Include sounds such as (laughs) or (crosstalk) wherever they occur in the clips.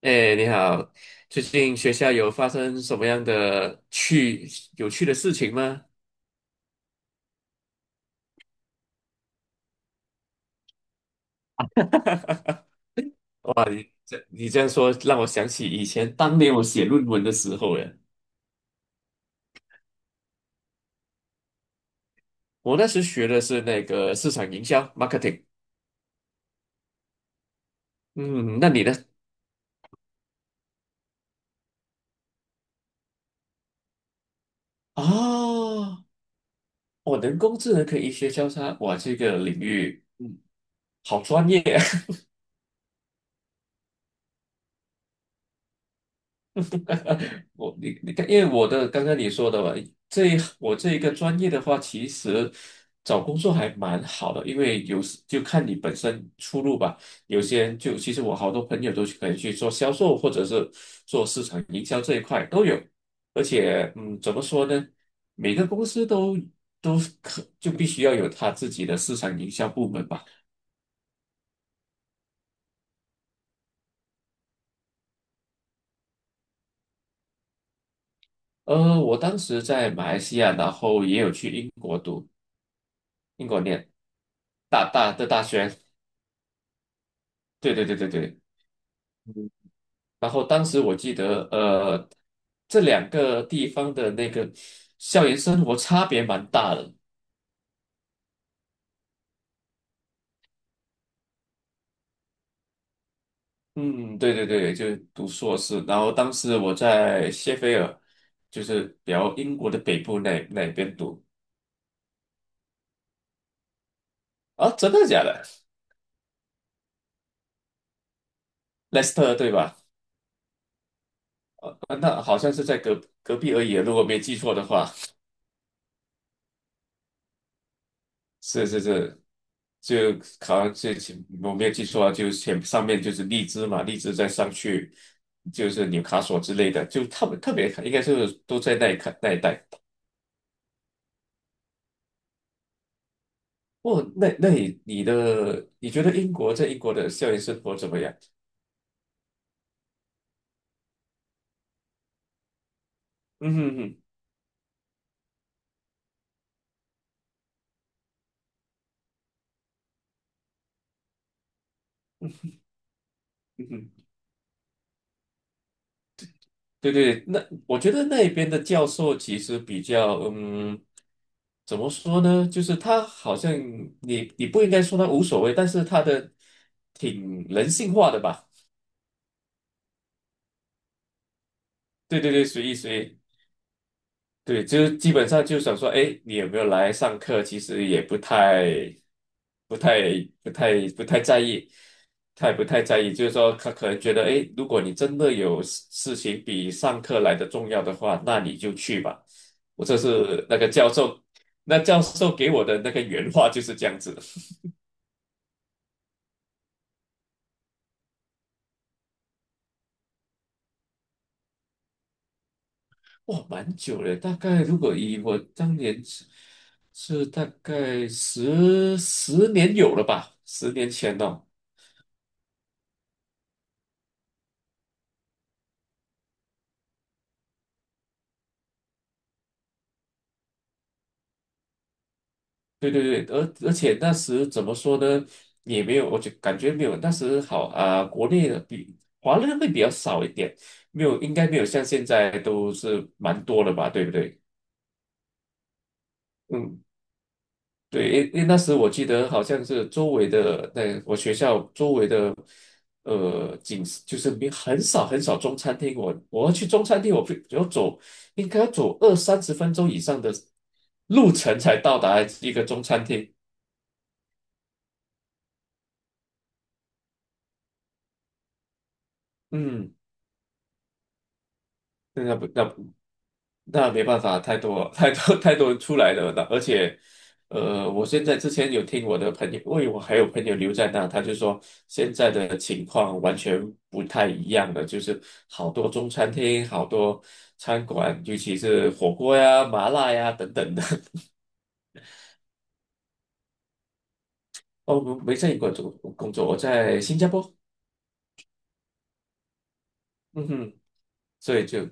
哎，你好，最近学校有发生什么样的有趣的事情吗？哇，你这样说让我想起以前当年我写论文的时候耶，我那时学的是那个市场营销 marketing。嗯，那你呢？哦，我人工智能可以医学交叉，哇，这个领域好专业。(laughs) 你看，因为我的刚刚你说的吧，这一我这一个专业的话，其实找工作还蛮好的，因为有时就看你本身出路吧。有些人就其实我好多朋友可以去做销售，或者是做市场营销这一块都有。而且，嗯，怎么说呢？每个公司都必须要有他自己的市场营销部门吧。我当时在马来西亚，然后也有去英国读，英国念大学。对对对对对。然后当时我记得，这两个地方的那个校园生活差别蛮大的。嗯，对对对，就是读硕士。然后当时我在谢菲尔，就是比较英国的北部那边读。啊，真的假的？莱斯特对吧？啊那好像是在隔壁而已啊，如果没记错的话。是是是，就考像是前我没有记错啊，就是前上面就是荔枝嘛，荔枝再上去就是纽卡索之类的，就特别特别应该是都在那一带。哦，那那你你的你觉得在英国的校园生活怎么样？嗯哼嗯哼，嗯哼，对对，那我觉得那边的教授其实比较。怎么说呢？就是他好像你不应该说他无所谓，但是他的挺人性化的吧。对对对，随意随意，对，就基本上就想说，哎，你有没有来上课？其实也不太、不太、不太、不太在意，太不太在意。就是说，他可能觉得，哎，如果你真的事情比上课来的重要的话，那你就去吧。我这是那个教授，那教授给我的那个原话就是这样子。哇，蛮久了，大概如果以我当年是大概十年有了吧，10年前哦。对对对，而且那时怎么说呢，也没有，我就感觉没有那时好啊、国内的比华人会比较少一点，没有，应该没有像现在都是蛮多的吧，对不对？嗯，对，因为那时我记得好像是周围的，那我学校周围的，景色就是没很少很少中餐厅，我要去中餐厅，我非要走应该要走二三十分钟以上的路程才到达一个中餐厅。嗯，那不那不。那没办法，太多 (laughs) 太多太多人出来了，那而且，我现在之前有听我的朋友，因为我还有朋友留在那，他就说现在的情况完全不太一样了，就是好多中餐厅、好多餐馆，尤其是火锅呀、麻辣呀等等的。(laughs) 哦，我没在英国做工作，我在新加坡，嗯哼，所以就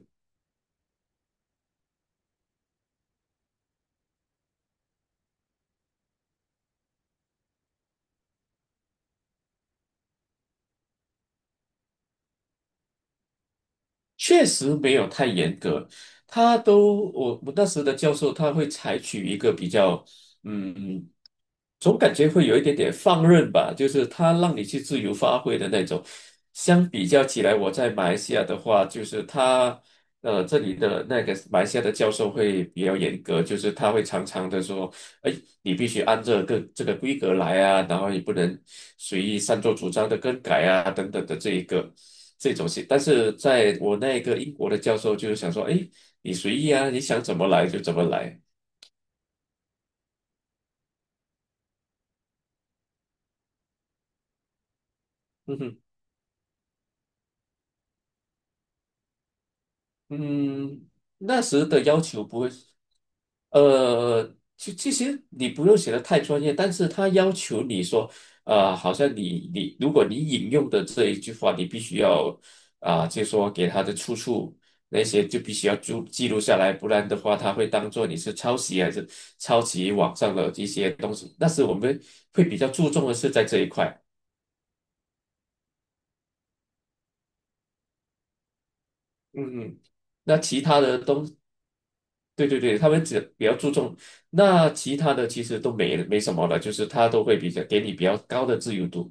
确实没有太严格，他都我我那时的教授他会采取一个比较，嗯，总感觉会有一点点放任吧，就是他让你去自由发挥的那种。相比较起来，我在马来西亚的话，就是这里的那个马来西亚的教授会比较严格，就是他会常常的说。哎，你必须按这个规格来啊，然后你不能随意擅作主张的更改啊，等等的这一个这种事。但是在我那个英国的教授就是想说，哎，你随意啊，你想怎么来就怎么来。(laughs) 哼哼。嗯，那时的要求不会，其实你不用写的太专业，但是他要求你说，好像如果你引用的这一句话，你必须要啊、就说给他的出处那些就必须要记录下来，不然的话他会当做你是抄袭网上的一些东西。那时我们会比较注重的是在这一块，嗯嗯。那其他的东对对对，他们只比较注重，那其他的其实都没什么了，就是他都会比较给你比较高的自由度。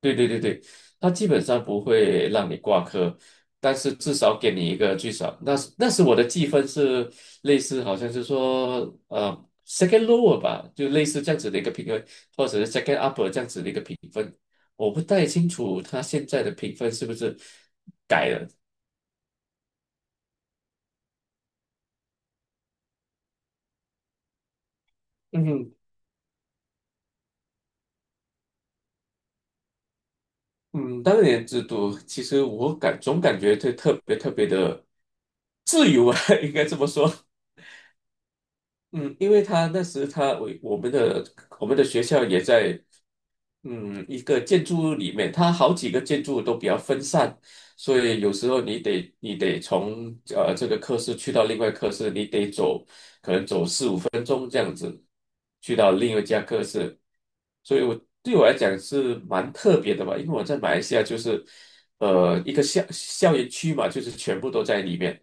对对对对，他基本上不会让你挂科，但是至少给你一个最少，那是我的计分是类似，好像是说second lower 吧，就类似这样子的一个评分，或者是 second upper 这样子的一个评分。我不太清楚他现在的评分是不是改了。嗯，嗯，当年制度其实总感觉这特别特别的自由啊，(laughs) 应该这么说。嗯，因为他那时他我我们的我们的学校也在一个建筑物里面，它好几个建筑都比较分散，所以有时候你得从这个科室去到另外科室，你得走去到另一家科室，所以对我来讲是蛮特别的吧，因为我在马来西亚就是一个校园区嘛，就是全部都在里面。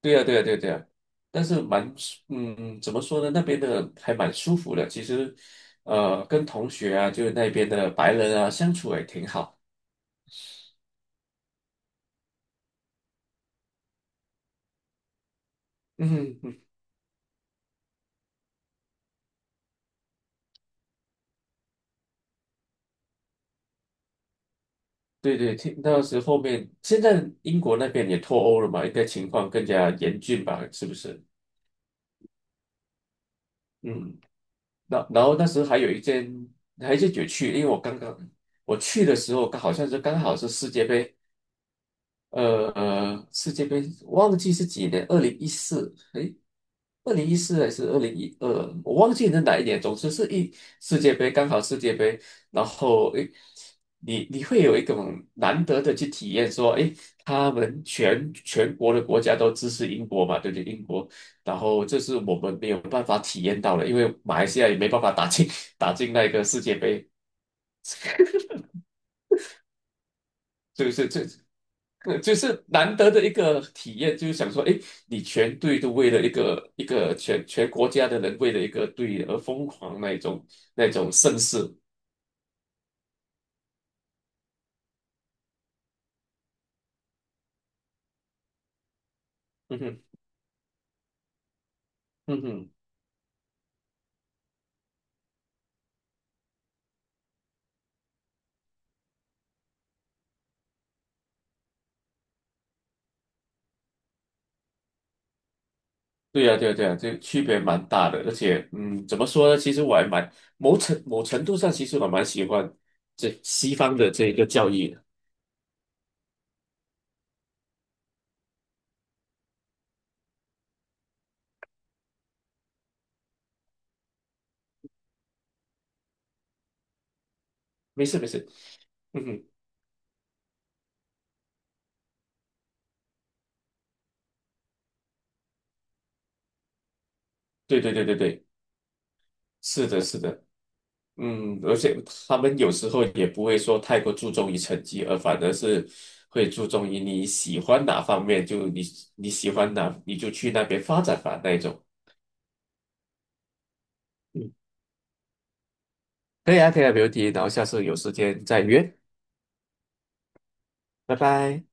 对呀，对呀，对呀，对呀，但是蛮舒，嗯，怎么说呢？那边的还蛮舒服的。其实，跟同学啊，就是那边的白人啊，相处也挺好。嗯，嗯对对，听那时后面，现在英国那边也脱欧了嘛，应该情况更加严峻吧？是不是？嗯，那然后那时候还有一件，还是有趣，因为我刚刚我去的时候，刚好是世界杯，世界杯忘记是几年，二零一四，二零一四还是2012，我忘记是哪一年。总之是世界杯，刚好世界杯，然后你会有一种难得的去体验，说，他们全国的国家都支持英国嘛，对不对？英国，然后这是我们没有办法体验到的，因为马来西亚也没办法打进 (laughs) 打进那个世界杯，就是这。就是难得的一个体验，就是想说，哎，你全队都为了一个全国家的人为了一个队而疯狂那一种盛世，嗯哼，嗯哼，对呀，对呀，对呀，这区别蛮大的，而且，嗯，怎么说呢？其实我还蛮某程某程度上，其实我蛮喜欢这西方的这一个教育的。没事，没事，嗯哼，对对对对对，是的，是的。嗯，而且他们有时候也不会说太过注重于成绩，而反而是会注重于你喜欢哪方面，就你喜欢哪，你就去那边发展吧那一种。嗯，可以啊，可以啊，没问题。然后下次有时间再约，拜拜。